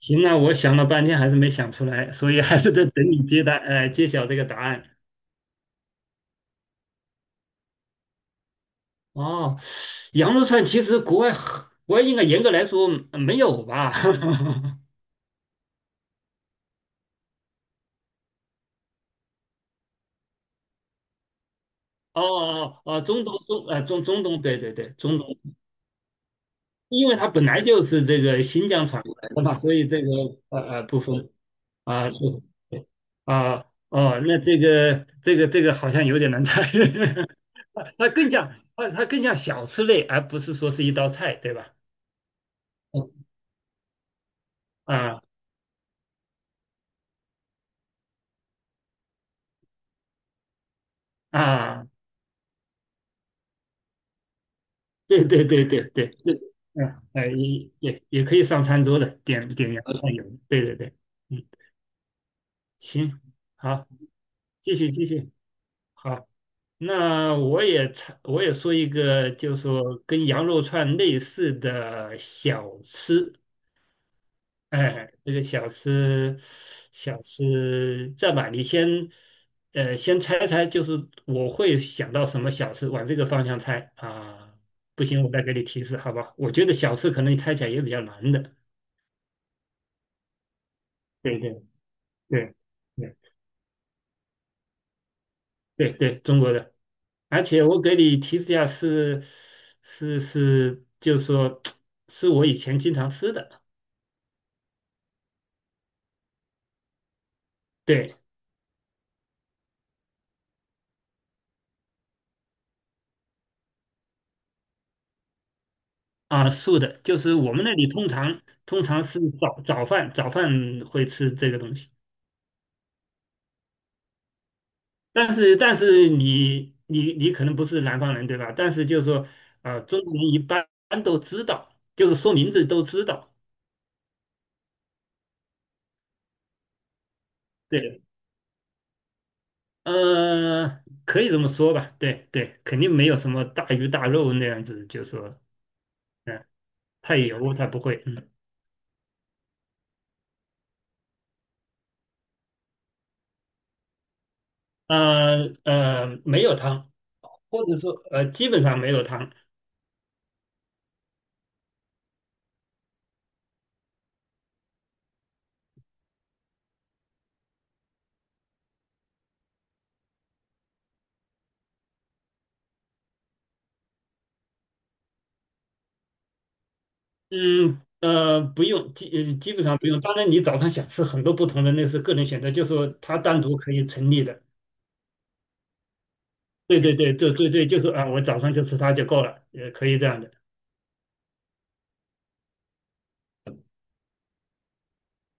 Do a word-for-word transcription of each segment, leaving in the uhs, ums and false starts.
行，那我想了半天还是没想出来，所以还是得等你揭答，呃，揭晓这个答案。哦，羊肉串其实国外很国外应该严格来说呃没有吧？哦哦哦，中东中呃中中东，对对对，中东，因为它本来就是这个新疆传过来的嘛，所以这个呃呃不分啊不分啊哦，那这个这个这个好像有点难猜，它它更像它它更像小吃类，而不是说是一道菜，对吧？嗯啊。啊，对对对对对对，嗯，哎，也也也可以上餐桌的，点点羊肉串，油，对对对，嗯，行，好，继续继续，好，那我也插我也说一个，就是说跟羊肉串类似的小吃，哎，这个小吃，小吃，这样吧，你先，呃，先猜猜，就是我会想到什么小吃，往这个方向猜啊。不行，我再给你提示，好吧？我觉得小吃可能你猜起来也比较难的。对对对对对对，中国的。而且我给你提示一下是，是是就是说 是我以前经常吃的。对啊，素的，就是我们那里通常通常是早早饭早饭会吃这个东西。但是但是你你你可能不是南方人对吧？但是就是说，呃，中国人一般都知道，就是说名字都知道，对，呃，可以这么说吧，对对，肯定没有什么大鱼大肉那样子，就是说，嗯，太油他不会，嗯，呃呃，没有汤，或者说呃，基本上没有汤，嗯。呃，不用，基呃基本上不用。当然，你早上想吃很多不同的，那是个人选择，就是说它单独可以成立的。对对对，对对对，就是啊，我早上就吃它就够了，也可以这样的。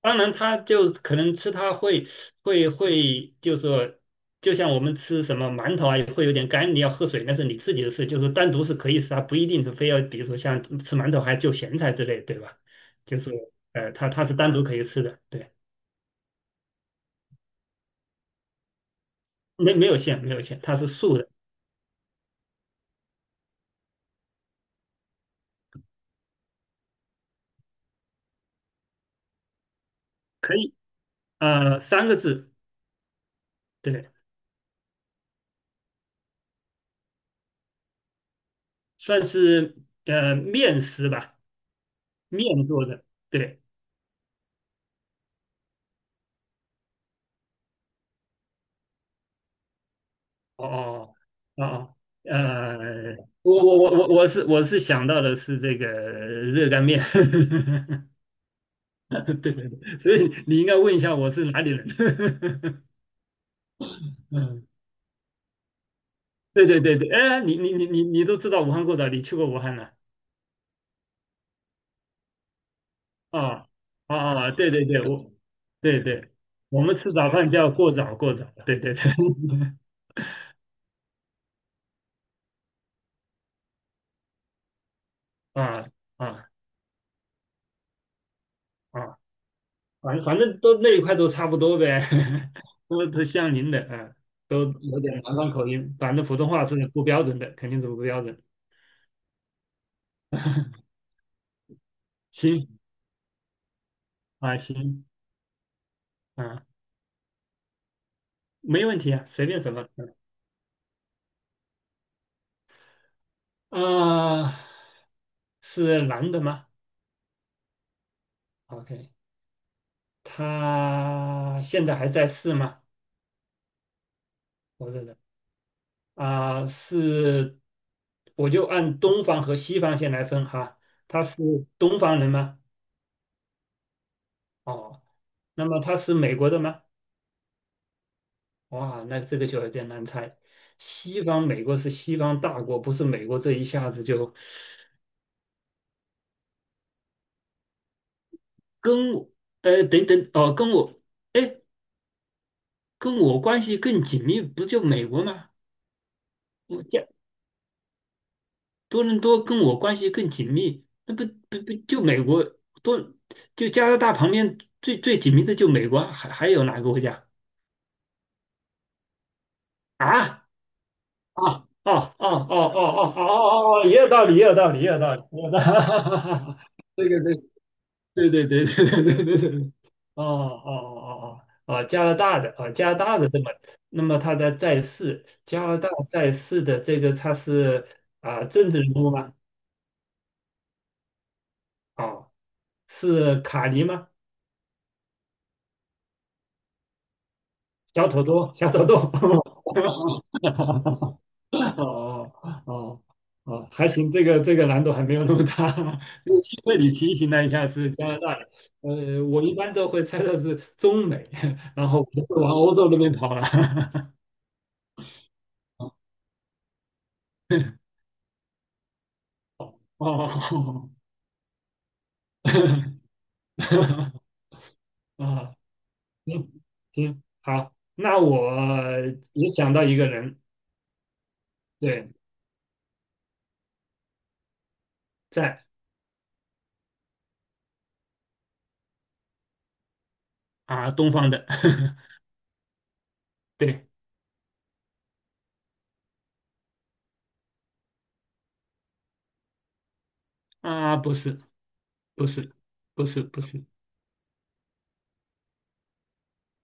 当然，它就可能吃它会会会，就是说，就像我们吃什么馒头啊，也会有点干，你要喝水那是你自己的事，就是单独是可以吃，它不一定是非要，比如说像吃馒头还就咸菜之类，对吧？就是呃，它它是单独可以吃的，对，没没有馅，没有馅，它是素的，可以呃三个字，对，算是呃面食吧，面做的，对。哦哦哦，哦，呃，我我我我我是我是想到的是这个热干面，对对对，所以你应该问一下我是哪里人。嗯，对对对对，哎，你你你你你都知道武汉过早，你去过武汉了啊啊啊！对对对，我对对，我们吃早饭叫过早过早，对对对，啊啊啊！反反正都那一块都差不多呗，都都像您的啊，都有点南方口音，反正普通话是不标准的，肯定是不标准。行啊，行啊，没问题啊，随便什么啊，啊是男的吗？OK,他现在还在世吗？活着的啊，是，我就按东方和西方先来分哈，他是东方人吗？哦，那么他是美国的吗？哇，那这个就有点难猜。西方美国是西方大国，不是美国这一下子就跟我，呃，等等，哦，跟我，哎，跟我关系更紧密，不就美国吗？我加多伦多跟我关系更紧密，那不不不就美国多，就加拿大旁边最最紧密的就美国啊，还还有哪个国家啊？哦哦哦哦哦哦哦哦哦，哦也有道理，也有道理，也有道理，也有道理。这个这对对对对对对对对，哦哦哦哦哦，啊加拿大的啊，加拿大的这么，那么他在在世，加拿大在世的这个他是啊政治人物吗？哦，是卡尼吗？小土豆，小土豆，哦哦哦哦，还行，这个这个难度还没有那么大，因为幸亏你提醒了一下是加拿大的，呃，我一般都会猜到是中美，然后不会往欧洲那边跑了。哦，哦，啊，行行，好，那我也想到一个人，对，在啊东方的，对啊，不是不是不是不是，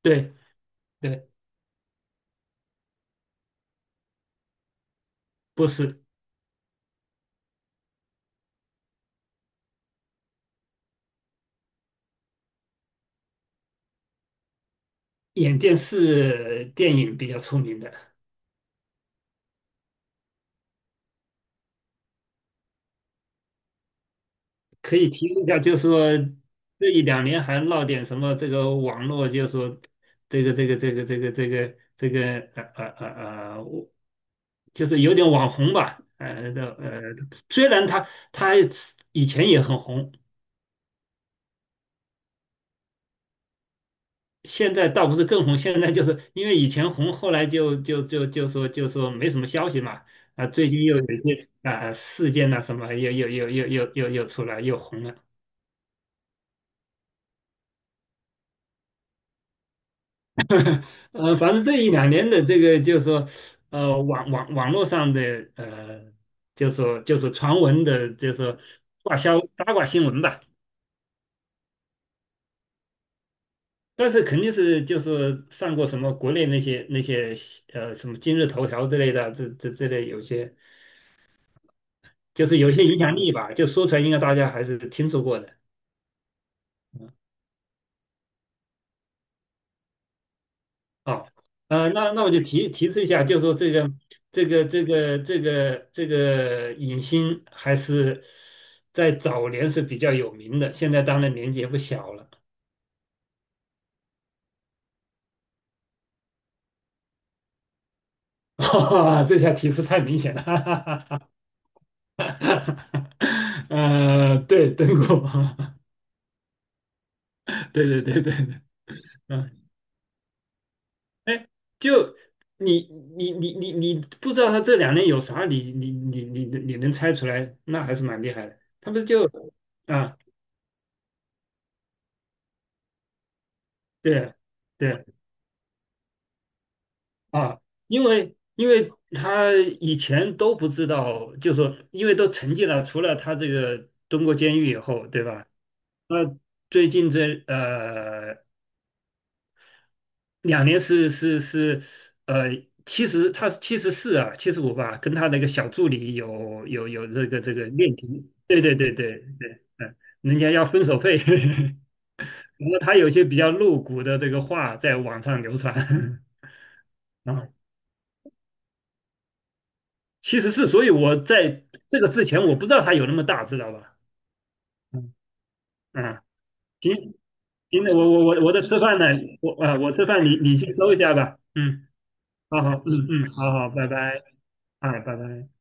对对，不是，演电视电影比较出名的，可以提示一下，就是说这一两年还闹点什么这个网络，就是说这个这个这个这个这个这个呃呃呃呃，我就是有点网红吧，呃的呃，虽然他他以前也很红，现在倒不是更红，现在就是因为以前红，后来就就就就说就说没什么消息嘛，啊，最近又有一些啊事件呐、什么又又又又又又又出来又红了。呃，反正这一两年的这个就是说，呃，网网网络上的呃，就是说就是传闻的，就是说挂销八卦新闻吧。但是肯定是就是上过什么国内那些那些呃什么今日头条之类的，这这这类有些就是有些影响力吧，就说出来应该大家还是听说过的。哦，呃，那那我就提提示一下，就说这个这个这个这个这个影星还是在早年是比较有名的，现在当然年纪也不小了。哈这下提示太明显了，哈哈哈哈哈呃，对，邓国 对对对对对，嗯，哎，就你你你你你不知道他这两年有啥，你你你你你能猜出来，那还是蛮厉害的。他不是就啊，对。对，啊，因为因为他以前都不知道，就说因为都沉寂了，除了他这个蹲过监狱以后，对吧？那最近这呃两年是是是呃七十，七十他七十四啊，七十五吧，跟他那个小助理有有有这个这个恋情，对对对对对，嗯，人家要分手费，不过他有些比较露骨的这个话在网上流传 啊。其实是，所以我在这个之前我不知道它有那么大，知道吧？嗯，嗯，行，行的，我我我我在吃饭呢，我啊我吃饭你你去搜一下吧，嗯，好好，嗯嗯，好好，拜拜，啊拜拜。